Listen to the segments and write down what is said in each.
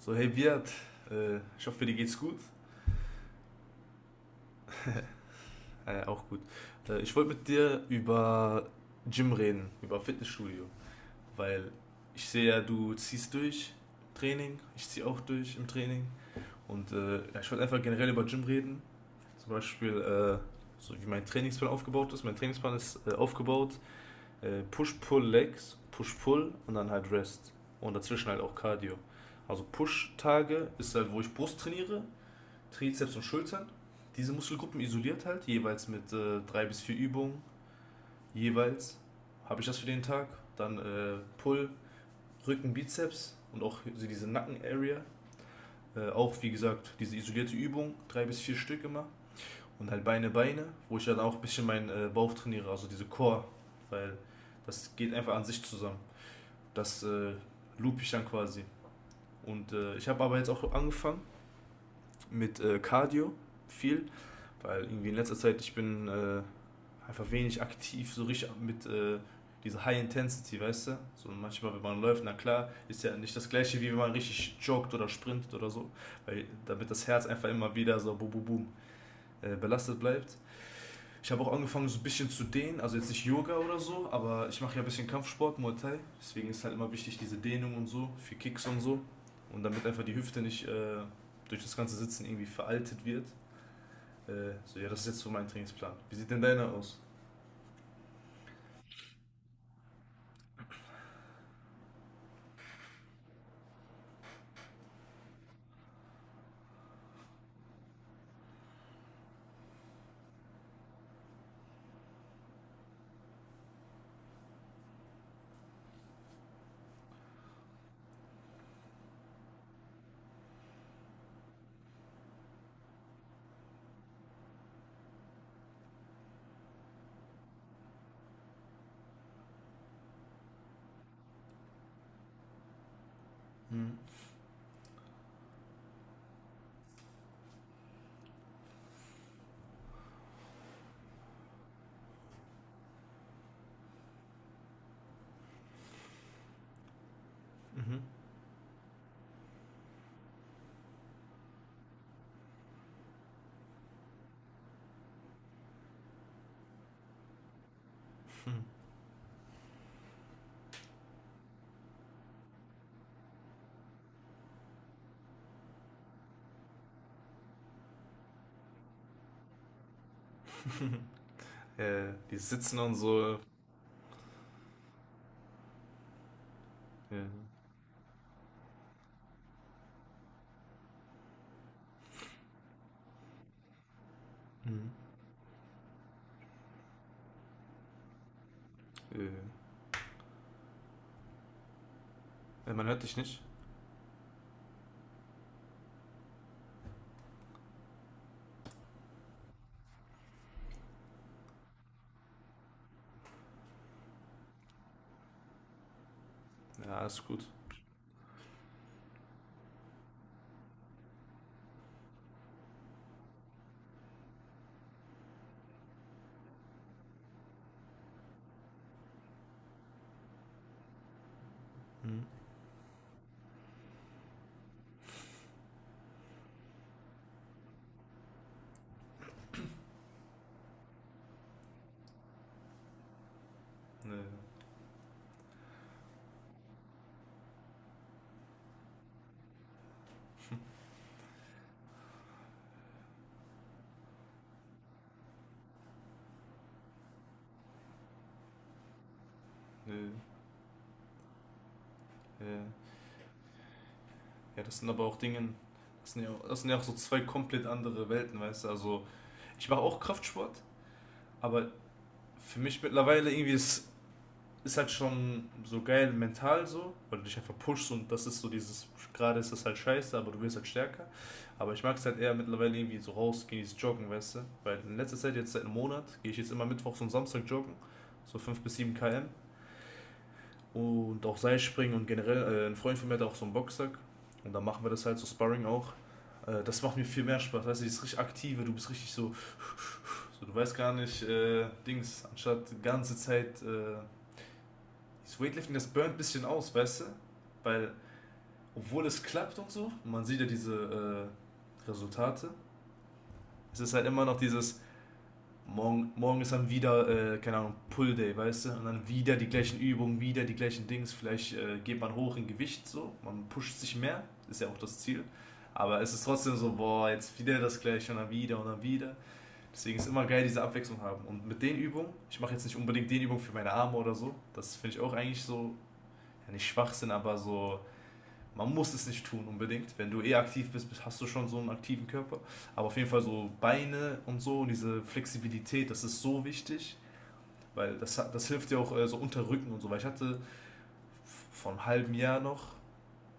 So, hey Biat, ich hoffe, dir geht's gut. Auch gut. Ich wollte mit dir über Gym reden, über Fitnessstudio, weil ich sehe ja, du ziehst durch Training, ich ziehe auch durch im Training und ja, ich wollte einfach generell über Gym reden, zum Beispiel so wie mein Trainingsplan aufgebaut ist. Mein Trainingsplan ist aufgebaut: Push-Pull-Legs, Push-Pull und dann halt Rest, und dazwischen halt auch Cardio. Also Push-Tage ist halt, wo ich Brust trainiere, Trizeps und Schultern. Diese Muskelgruppen isoliert halt, jeweils mit drei bis vier Übungen, jeweils habe ich das für den Tag. Dann Pull, Rücken, Bizeps und auch so diese Nacken-Area. Auch wie gesagt, diese isolierte Übung, drei bis vier Stück immer. Und halt Beine, Beine, wo ich dann auch ein bisschen meinen Bauch trainiere, also diese Core, weil das geht einfach an sich zusammen. Das loop ich dann quasi. Und ich habe aber jetzt auch angefangen mit Cardio, viel, weil irgendwie in letzter Zeit, ich bin einfach wenig aktiv, so richtig mit dieser High Intensity, weißt du? So manchmal, wenn man läuft, na klar, ist ja nicht das gleiche, wie wenn man richtig joggt oder sprintet oder so. Weil damit das Herz einfach immer wieder so boom, boom, boom belastet bleibt. Ich habe auch angefangen, so ein bisschen zu dehnen, also jetzt nicht Yoga oder so, aber ich mache ja ein bisschen Kampfsport, Muay Thai. Deswegen ist halt immer wichtig, diese Dehnung und so, für Kicks und so. Und damit einfach die Hüfte nicht durch das ganze Sitzen irgendwie veraltet wird. So, ja, das ist jetzt so mein Trainingsplan. Wie sieht denn deiner aus? Mhm. Mhm. Die sitzen und so. Ja. Mhm. Äh, Man hört dich nicht. Ja, alles gut. Mhm. Nö, nö, äh, ja, das sind aber auch Dinge, das sind ja auch so zwei komplett andere Welten, weißt du? Also, ich mache auch Kraftsport, aber für mich mittlerweile irgendwie ist halt schon so geil mental so, weil du dich einfach pushst, und das ist so dieses, gerade ist das halt scheiße, aber du wirst halt stärker. Aber ich mag es halt eher mittlerweile irgendwie so rausgehen, dieses Joggen, weißt du? Weil in letzter Zeit, jetzt seit einem Monat, gehe ich jetzt immer mittwochs und Samstag joggen, so 5 bis 7 km, und auch Seilspringen. Und generell, ein Freund von mir hat auch so einen Boxsack, und dann machen wir das halt so Sparring auch. Das macht mir viel mehr Spaß, weißt du, dieses richtig aktive, du bist richtig so, so du weißt gar nicht, Dings, anstatt die ganze Zeit. Das Weightlifting, das burnt ein bisschen aus, weißt du? Weil, obwohl es klappt und so, man sieht ja diese Resultate, es ist halt immer noch dieses, morgen ist dann wieder, keine Ahnung, Pull Day, weißt du? Und dann wieder die gleichen Übungen, wieder die gleichen Dings. Vielleicht geht man hoch in Gewicht so, man pusht sich mehr, ist ja auch das Ziel. Aber es ist trotzdem so, boah, jetzt wieder das gleiche, und dann wieder und dann wieder. Deswegen ist immer geil, diese Abwechslung haben. Und mit den Übungen, ich mache jetzt nicht unbedingt den Übungen für meine Arme oder so. Das finde ich auch eigentlich so, ja nicht Schwachsinn, aber so, man muss es nicht tun unbedingt. Wenn du eh aktiv bist, hast du schon so einen aktiven Körper. Aber auf jeden Fall so Beine und so und diese Flexibilität, das ist so wichtig, weil das hilft dir auch so unter Rücken und so. Weil ich hatte vor einem halben Jahr noch,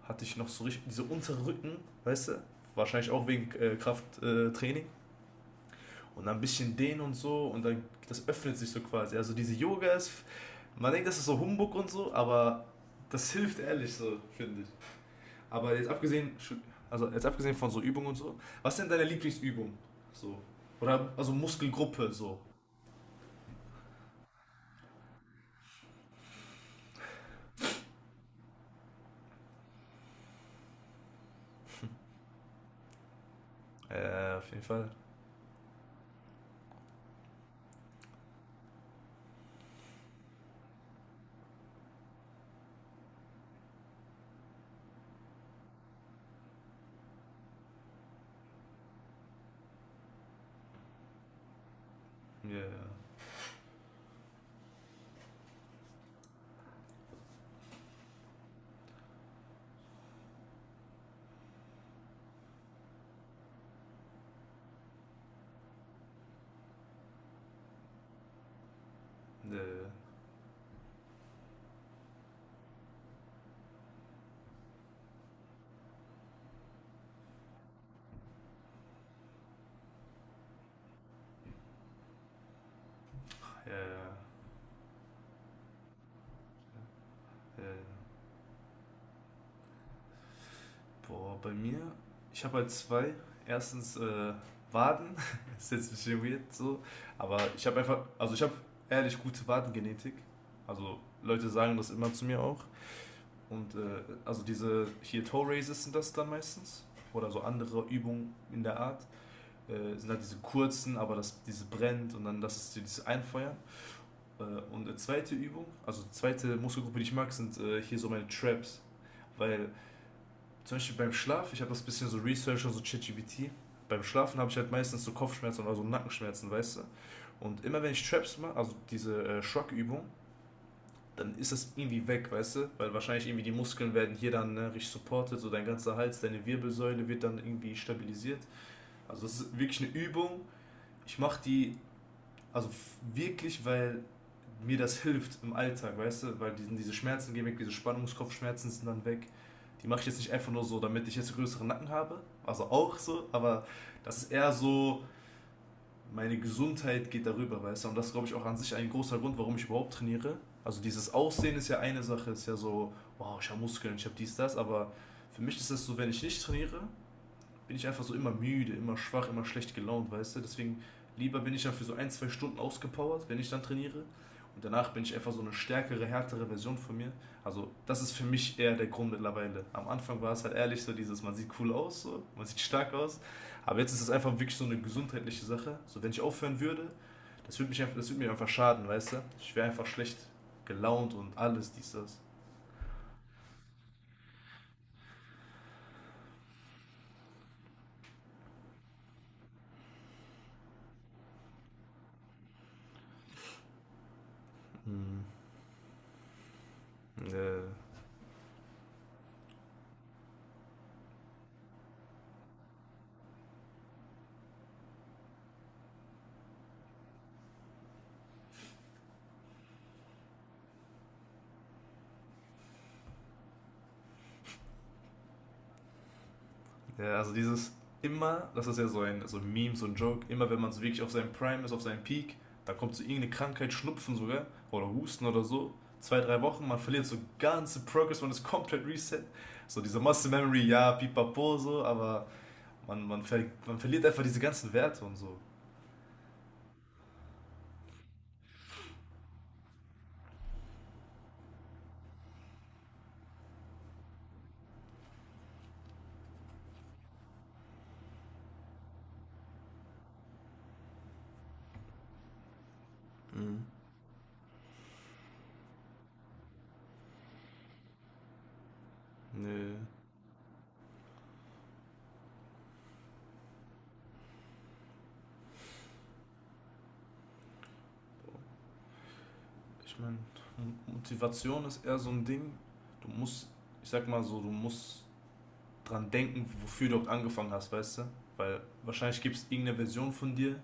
hatte ich noch so richtig diese Unterrücken, weißt du? Wahrscheinlich auch wegen Krafttraining. Und dann ein bisschen dehnen und so, und dann das öffnet sich so quasi. Also diese Yoga ist, man denkt, das ist so Humbug und so, aber das hilft ehrlich so, finde ich. Aber jetzt abgesehen, also jetzt abgesehen von so Übungen und so, was sind deine Lieblingsübungen? So. Oder also Muskelgruppe so. Auf jeden Fall. Ja, ja, ja, ja, ja. Boah, bei mir, ich habe halt zwei. Erstens Waden, ist jetzt ein bisschen weird so, aber ich habe einfach, also ich habe ehrlich gute Wadengenetik. Also Leute sagen das immer zu mir auch. Und also diese hier Toe Raises sind das dann meistens, oder so andere Übungen in der Art. Sind halt diese kurzen, aber das, diese brennt, und dann das ist so dieses Einfeuern. Und eine zweite Übung, also zweite Muskelgruppe, die ich mag, sind hier so meine Traps. Weil zum Beispiel beim Schlaf, ich habe das ein bisschen so Research und so ChatGPT. Beim Schlafen habe ich halt meistens so Kopfschmerzen oder so Nackenschmerzen, weißt du? Und immer wenn ich Traps mache, also diese Übung, dann ist das irgendwie weg, weißt du? Weil wahrscheinlich irgendwie die Muskeln werden hier dann, ne, richtig supported, so dein ganzer Hals, deine Wirbelsäule wird dann irgendwie stabilisiert. Also das ist wirklich eine Übung. Ich mache die. Also wirklich, weil mir das hilft im Alltag, weißt du? Weil diese Schmerzen gehen weg, diese Spannungskopfschmerzen sind dann weg. Die mache ich jetzt nicht einfach nur so, damit ich jetzt einen größeren Nacken habe. Also auch so, aber das ist eher so, meine Gesundheit geht darüber, weißt du? Und das ist, glaube ich, auch an sich ein großer Grund, warum ich überhaupt trainiere. Also dieses Aussehen ist ja eine Sache, ist ja so, wow, ich habe Muskeln, ich habe dies, das, aber für mich ist das so, wenn ich nicht trainiere, bin ich einfach so immer müde, immer schwach, immer schlecht gelaunt, weißt du? Deswegen lieber bin ich dann für so 1, 2 Stunden ausgepowert, wenn ich dann trainiere. Und danach bin ich einfach so eine stärkere, härtere Version von mir. Also das ist für mich eher der Grund mittlerweile. Am Anfang war es halt ehrlich so dieses, man sieht cool aus, so, man sieht stark aus. Aber jetzt ist es einfach wirklich so eine gesundheitliche Sache. So wenn ich aufhören würde, das würde mich einfach, das würde mir einfach schaden, weißt du? Ich wäre einfach schlecht gelaunt und alles, dies, das. Hm. äh, Ja, also dieses immer, das ist ja so ein, Meme, so ein Joke, immer wenn man so wirklich auf seinem Prime ist, auf seinem Peak, dann kommt so irgendeine Krankheit, Schnupfen sogar, oder Husten oder so, 2, 3 Wochen, man verliert so ganze Progress, man ist komplett reset. So diese Muscle Memory, ja, pipapo, so, aber man verliert einfach diese ganzen Werte und so. Mhm. Nö. Ich meine, Motivation ist eher so ein Ding. Du musst, ich sag mal so, du musst dran denken, wofür du überhaupt angefangen hast, weißt du? Weil wahrscheinlich gibt es irgendeine Version von dir,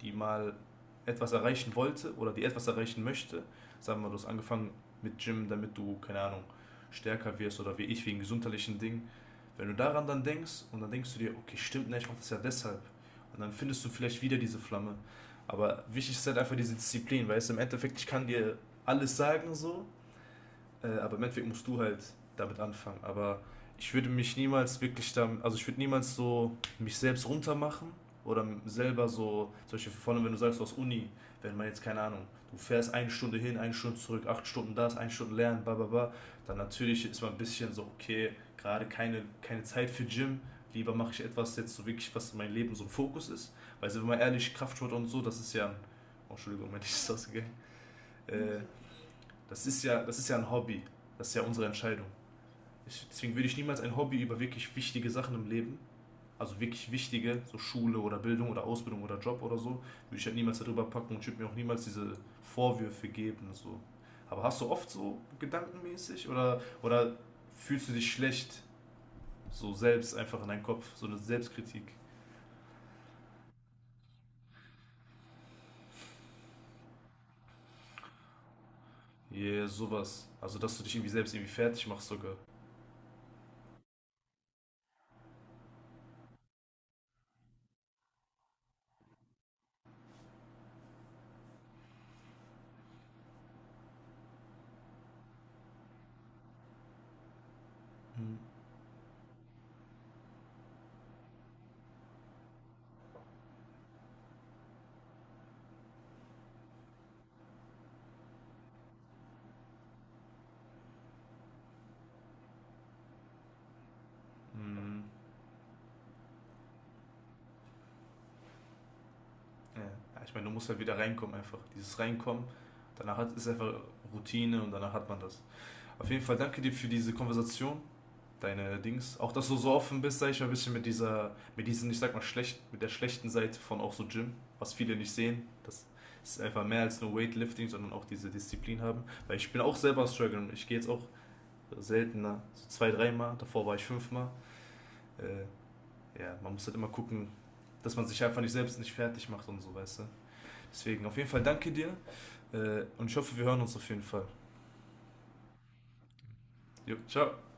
die mal etwas erreichen wollte oder die etwas erreichen möchte. Sagen wir mal, du hast angefangen mit Gym, damit du, keine Ahnung, stärker wirst, oder wie ich wegen gesundheitlichen Dingen. Wenn du daran dann denkst und dann denkst du dir, okay, stimmt, ne, ich mache das ja deshalb. Und dann findest du vielleicht wieder diese Flamme. Aber wichtig ist halt einfach diese Disziplin, weil es im Endeffekt, ich kann dir alles sagen so, aber im Endeffekt musst du halt damit anfangen. Aber ich würde mich niemals wirklich dann, also ich würde niemals so mich selbst runtermachen oder selber so, zum Beispiel vorne, wenn du sagst, du hast Uni, wenn man jetzt, keine Ahnung, du fährst eine Stunde hin, eine Stunde zurück, 8 Stunden das, eine Stunde lernen, bla bla bla, dann natürlich ist man ein bisschen so, okay, gerade keine Zeit für Gym, lieber mache ich etwas jetzt so wirklich, was in meinem Leben so ein Fokus ist. Weil, wenn man ehrlich, Kraftsport und so, das ist ja ein, oh, Entschuldigung, mein Licht ist ausgegangen, äh, das ist ja ein Hobby. Das ist ja unsere Entscheidung. Ich, deswegen würde ich niemals ein Hobby über wirklich wichtige Sachen im Leben, also wirklich wichtige, so Schule oder Bildung oder Ausbildung oder Job oder so, würde ich halt niemals darüber packen, und ich würde mir auch niemals diese Vorwürfe geben. So. Aber hast du oft so gedankenmäßig, oder fühlst du dich schlecht, so selbst einfach in deinem Kopf, so eine Selbstkritik? Yeah, sowas. Also, dass du dich irgendwie selbst irgendwie fertig machst sogar. Mhm. Mhm. Ja, ja, ich meine, du musst halt wieder reinkommen einfach. Dieses Reinkommen, danach hat, ist einfach Routine, und danach hat man das. Auf jeden Fall danke dir für diese Konversation, deine Dings. Auch, dass du so offen bist, sag ich mal, ein bisschen mit diesen, ich sag mal, mit der schlechten Seite von auch so Gym, was viele nicht sehen. Das ist einfach mehr als nur Weightlifting, sondern auch diese Disziplin haben. Weil ich bin auch selber struggling. Ich gehe jetzt auch seltener, so zwei, dreimal. Davor war ich fünfmal. Äh, ja, man muss halt immer gucken, dass man sich einfach nicht selbst nicht fertig macht und so, weißt du. Deswegen auf jeden Fall danke dir, und ich hoffe, wir hören uns auf jeden Fall. Jo, ciao.